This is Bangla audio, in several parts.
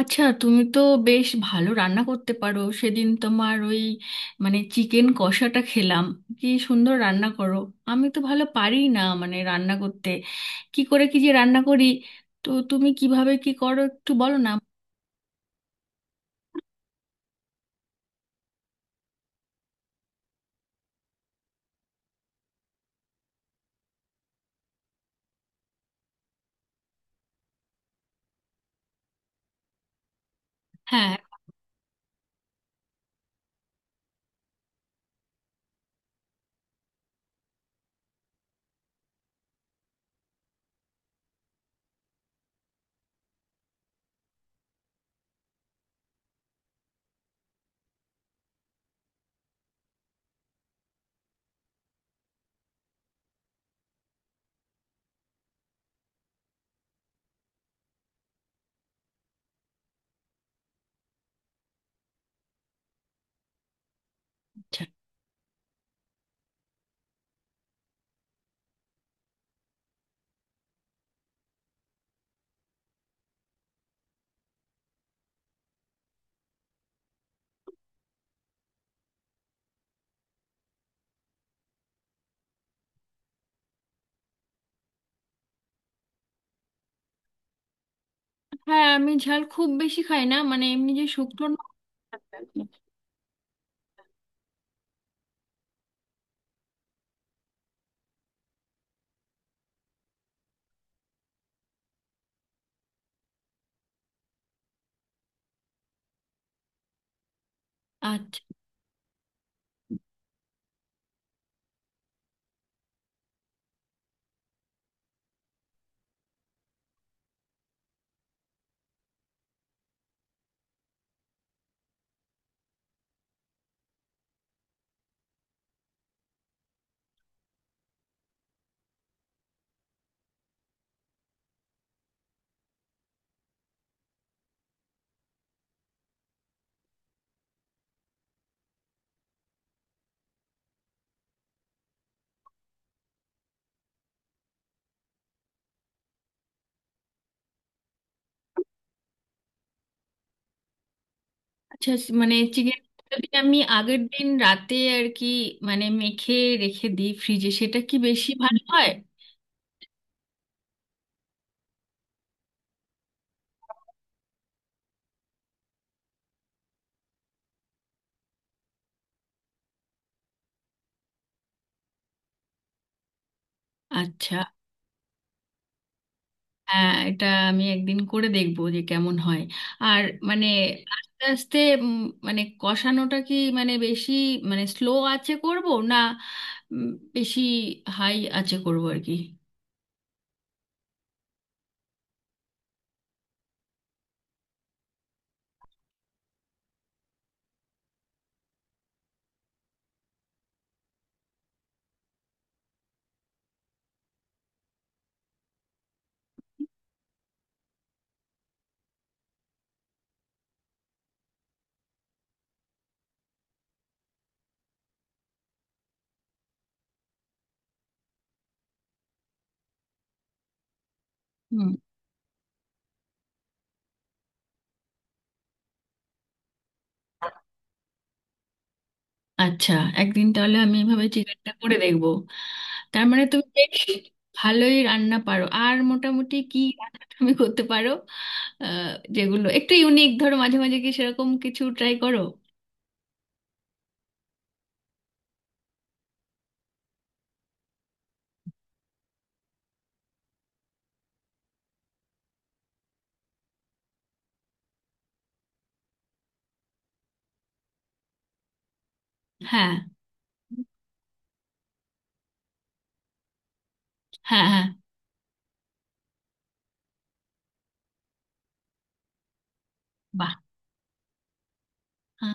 আচ্ছা, তুমি তো বেশ ভালো রান্না করতে পারো। সেদিন তোমার ওই চিকেন কষাটা খেলাম, কি সুন্দর রান্না করো! আমি তো ভালো পারি না রান্না করতে, কি করে কি যে রান্না করি। তো তুমি কিভাবে কি করো একটু বলো না। হ্যাঁ। আচ্ছা। হ্যাঁ, আমি ঝাল খুব বেশি খাই না, মানে এমনি, যে শুকনো না। আচ্ছা। আচ্ছা। চিকেন আমি আগের দিন রাতে আর কি, মেখে রেখে দিই ফ্রিজে, সেটা কি বেশি ভালো হয়? আচ্ছা। হ্যাঁ, এটা আমি একদিন করে দেখবো যে কেমন হয়। আর মানে আস্তে আস্তে উম, কষানোটা কি বেশি, স্লো আছে করব, না উম, বেশি হাই আছে করব আর কি। হুম। আচ্ছা, একদিন তাহলে আমি এভাবে চিকেনটা করে দেখবো। তার মানে তুমি বেশ ভালোই রান্না পারো। আর মোটামুটি কি রান্না তুমি করতে পারো? আহ, যেগুলো একটু ইউনিক ধরো, মাঝে মাঝে কি সেরকম কিছু ট্রাই করো? হ্যাঁ, হ্যাঁ, হ্যাঁ। বাহ। হ্যাঁ।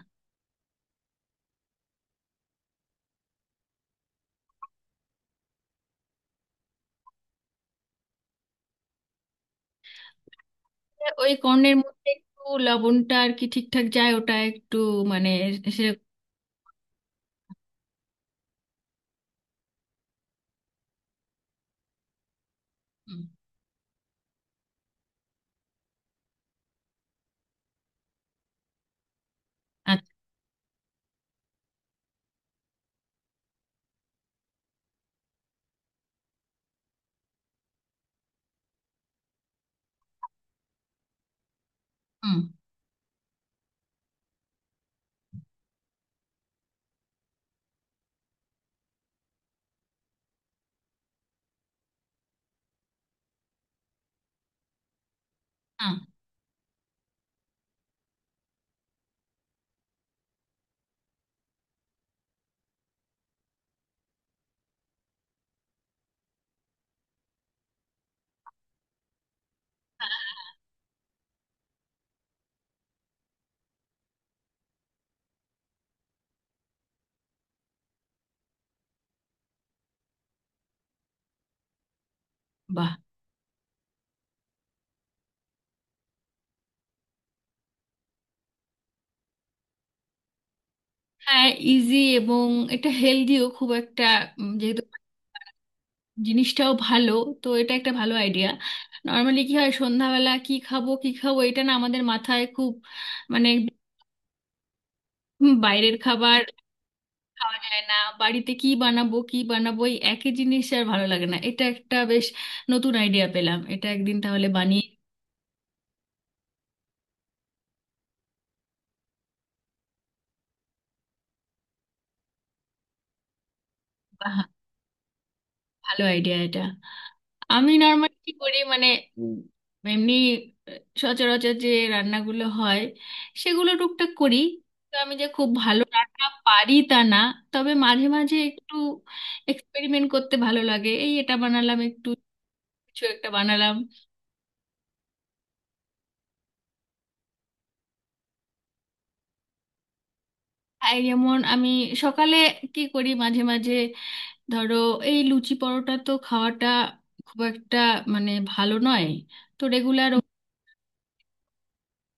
ওই কর্নের মধ্যে একটু লবণটা আর কি ঠিকঠাক যায়, ওটা একটু মানে সে। হুম। আচ্ছা। হুম। হ্যাঁ। বাহ। হ্যাঁ, ইজি, এবং এটা হেলদিও খুব একটা, যেহেতু জিনিসটাও ভালো। তো এটা একটা ভালো আইডিয়া। নর্মালি কি হয়, সন্ধ্যাবেলা কি খাবো কি খাবো এটা না আমাদের মাথায় খুব মানে হুম। বাইরের খাবার খাওয়া যায় না, বাড়িতে কি বানাবো কি বানাবো এই একই জিনিস আর ভালো লাগে না। এটা একটা বেশ নতুন আইডিয়া পেলাম, এটা একদিন তাহলে বানিয়ে। ভালো আইডিয়া এটা। আমি নর্মালি কি করি হুম, এমনি সচরাচর যে রান্নাগুলো হয় সেগুলো টুকটাক করি। তো আমি যে খুব ভালো রান্না পারি তা না, তবে মাঝে মাঝে একটু এক্সপেরিমেন্ট করতে ভালো লাগে। এই এটা বানালাম, একটু কিছু একটা বানালাম। আর যেমন আমি সকালে কি করি মাঝে মাঝে, ধরো এই লুচি পরোটা তো খাওয়াটা খুব একটা ভালো নয়। তো রেগুলার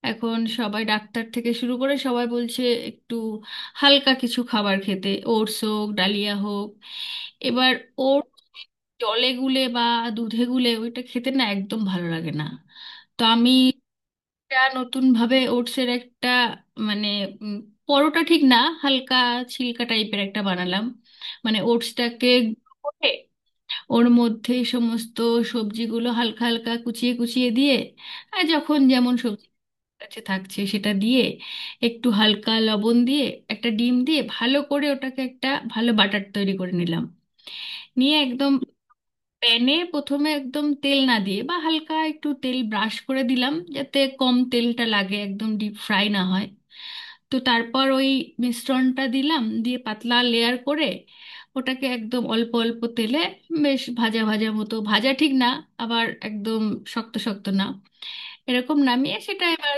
এখন সবাই ডাক্তার থেকে শুরু করে সবাই বলছে একটু হালকা কিছু খাবার খেতে, ওটস হোক ডালিয়া হোক। এবার ওর জলে গুলে বা দুধে গুলে ওইটা খেতে না একদম ভালো লাগে না। তো আমি একটা নতুন ভাবে ওটসের একটা মানে উম, পরোটা ঠিক না, হালকা ছিলকা টাইপের একটা বানালাম। ওটসটাকে, ওর মধ্যেই সমস্ত সবজিগুলো হালকা হালকা কুচিয়ে কুচিয়ে দিয়ে, আর যখন যেমন সবজি কাছে থাকছে সেটা দিয়ে, একটু হালকা লবণ দিয়ে, একটা ডিম দিয়ে ভালো করে ওটাকে একটা ভালো বাটার তৈরি করে নিলাম। নিয়ে একদম প্যানে প্রথমে একদম তেল না দিয়ে বা হালকা একটু তেল ব্রাশ করে দিলাম, যাতে কম তেলটা লাগে, একদম ডিপ ফ্রাই না হয়। তো তারপর ওই মিশ্রণটা দিলাম, দিয়ে পাতলা লেয়ার করে ওটাকে একদম অল্প অল্প তেলে বেশ ভাজা ভাজা মতো, ভাজা ঠিক না, আবার একদম শক্ত শক্ত না, এরকম নামিয়ে সেটা এবার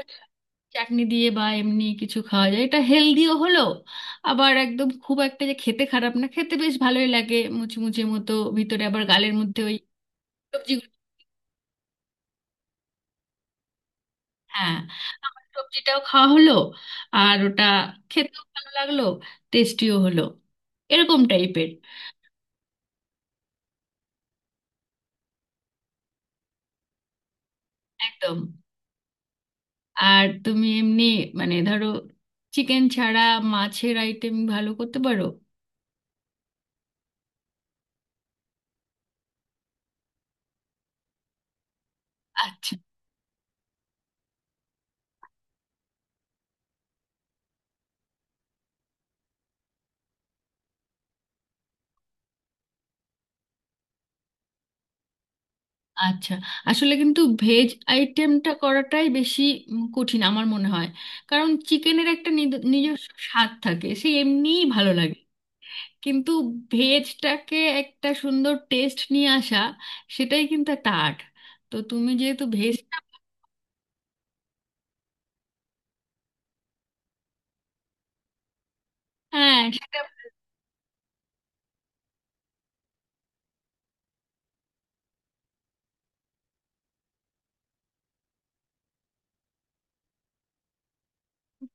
চাটনি দিয়ে বা এমনি কিছু খাওয়া যায়। এটা হেলদিও হলো, আবার একদম খুব একটা যে খেতে খারাপ, না, খেতে বেশ ভালোই লাগে মুচমুচে মতো, ভিতরে আবার গালের মধ্যে ওই। হ্যাঁ। আমার সবজিটাও খাওয়া হলো, আর ওটা খেতেও ভালো লাগলো, টেস্টিও হলো, এরকম টাইপের। একদম। আর তুমি এমনি ধরো চিকেন ছাড়া মাছের আইটেম ভালো করতে পারো? আচ্ছা। আচ্ছা, আসলে কিন্তু ভেজ আইটেমটা করাটাই বেশি কঠিন আমার মনে হয়। কারণ চিকেনের একটা নিজস্ব স্বাদ থাকে, সে এমনিই ভালো লাগে, কিন্তু ভেজটাকে একটা সুন্দর টেস্ট নিয়ে আসা সেটাই কিন্তু একটা আর্ট। তো তুমি যেহেতু ভেজটা। হ্যাঁ, সেটা।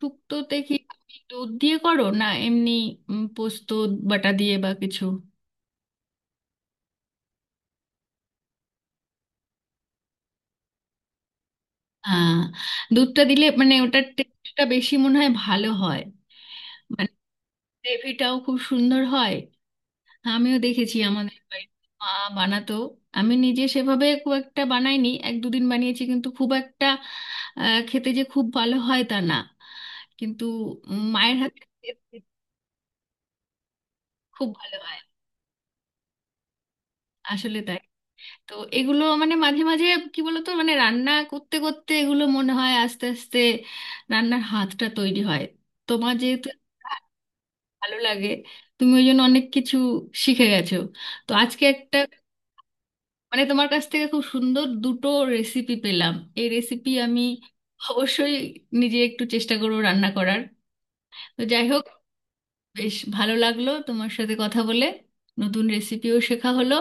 শুক্তোতে কি তুমি দুধ দিয়ে করো, না এমনি পোস্ত বাটা দিয়ে বা কিছু? হ্যাঁ। দুধটা দিলে মানে ওটার টেস্টটা বেশি মনে হয় ভালো হয়, মানে গ্রেভিটাও খুব সুন্দর হয়। আমিও দেখেছি আমাদের বাড়িতে মা বানাতো। আমি নিজে সেভাবে খুব একটা বানাইনি, এক দুদিন বানিয়েছি, কিন্তু খুব একটা খেতে যে খুব ভালো হয় তা না। কিন্তু উম, মায়ের হাতে খেতে খুব ভালো হয়। আসলে তাই। তো এগুলো মানে মাঝে মাঝে কি বলতো, রান্না করতে করতে এগুলো মনে হয় আস্তে আস্তে রান্নার হাতটা তৈরি হয়। তোমার যেহেতু ভালো লাগে, তুমি ওই জন্য অনেক কিছু শিখে গেছো। তো আজকে একটা তোমার কাছ থেকে খুব সুন্দর দুটো রেসিপি পেলাম। এই রেসিপি আমি অবশ্যই নিজে একটু চেষ্টা করব রান্না করার। তো যাই হোক, বেশ ভালো লাগলো তোমার সাথে কথা বলে, নতুন রেসিপিও শেখা হলো।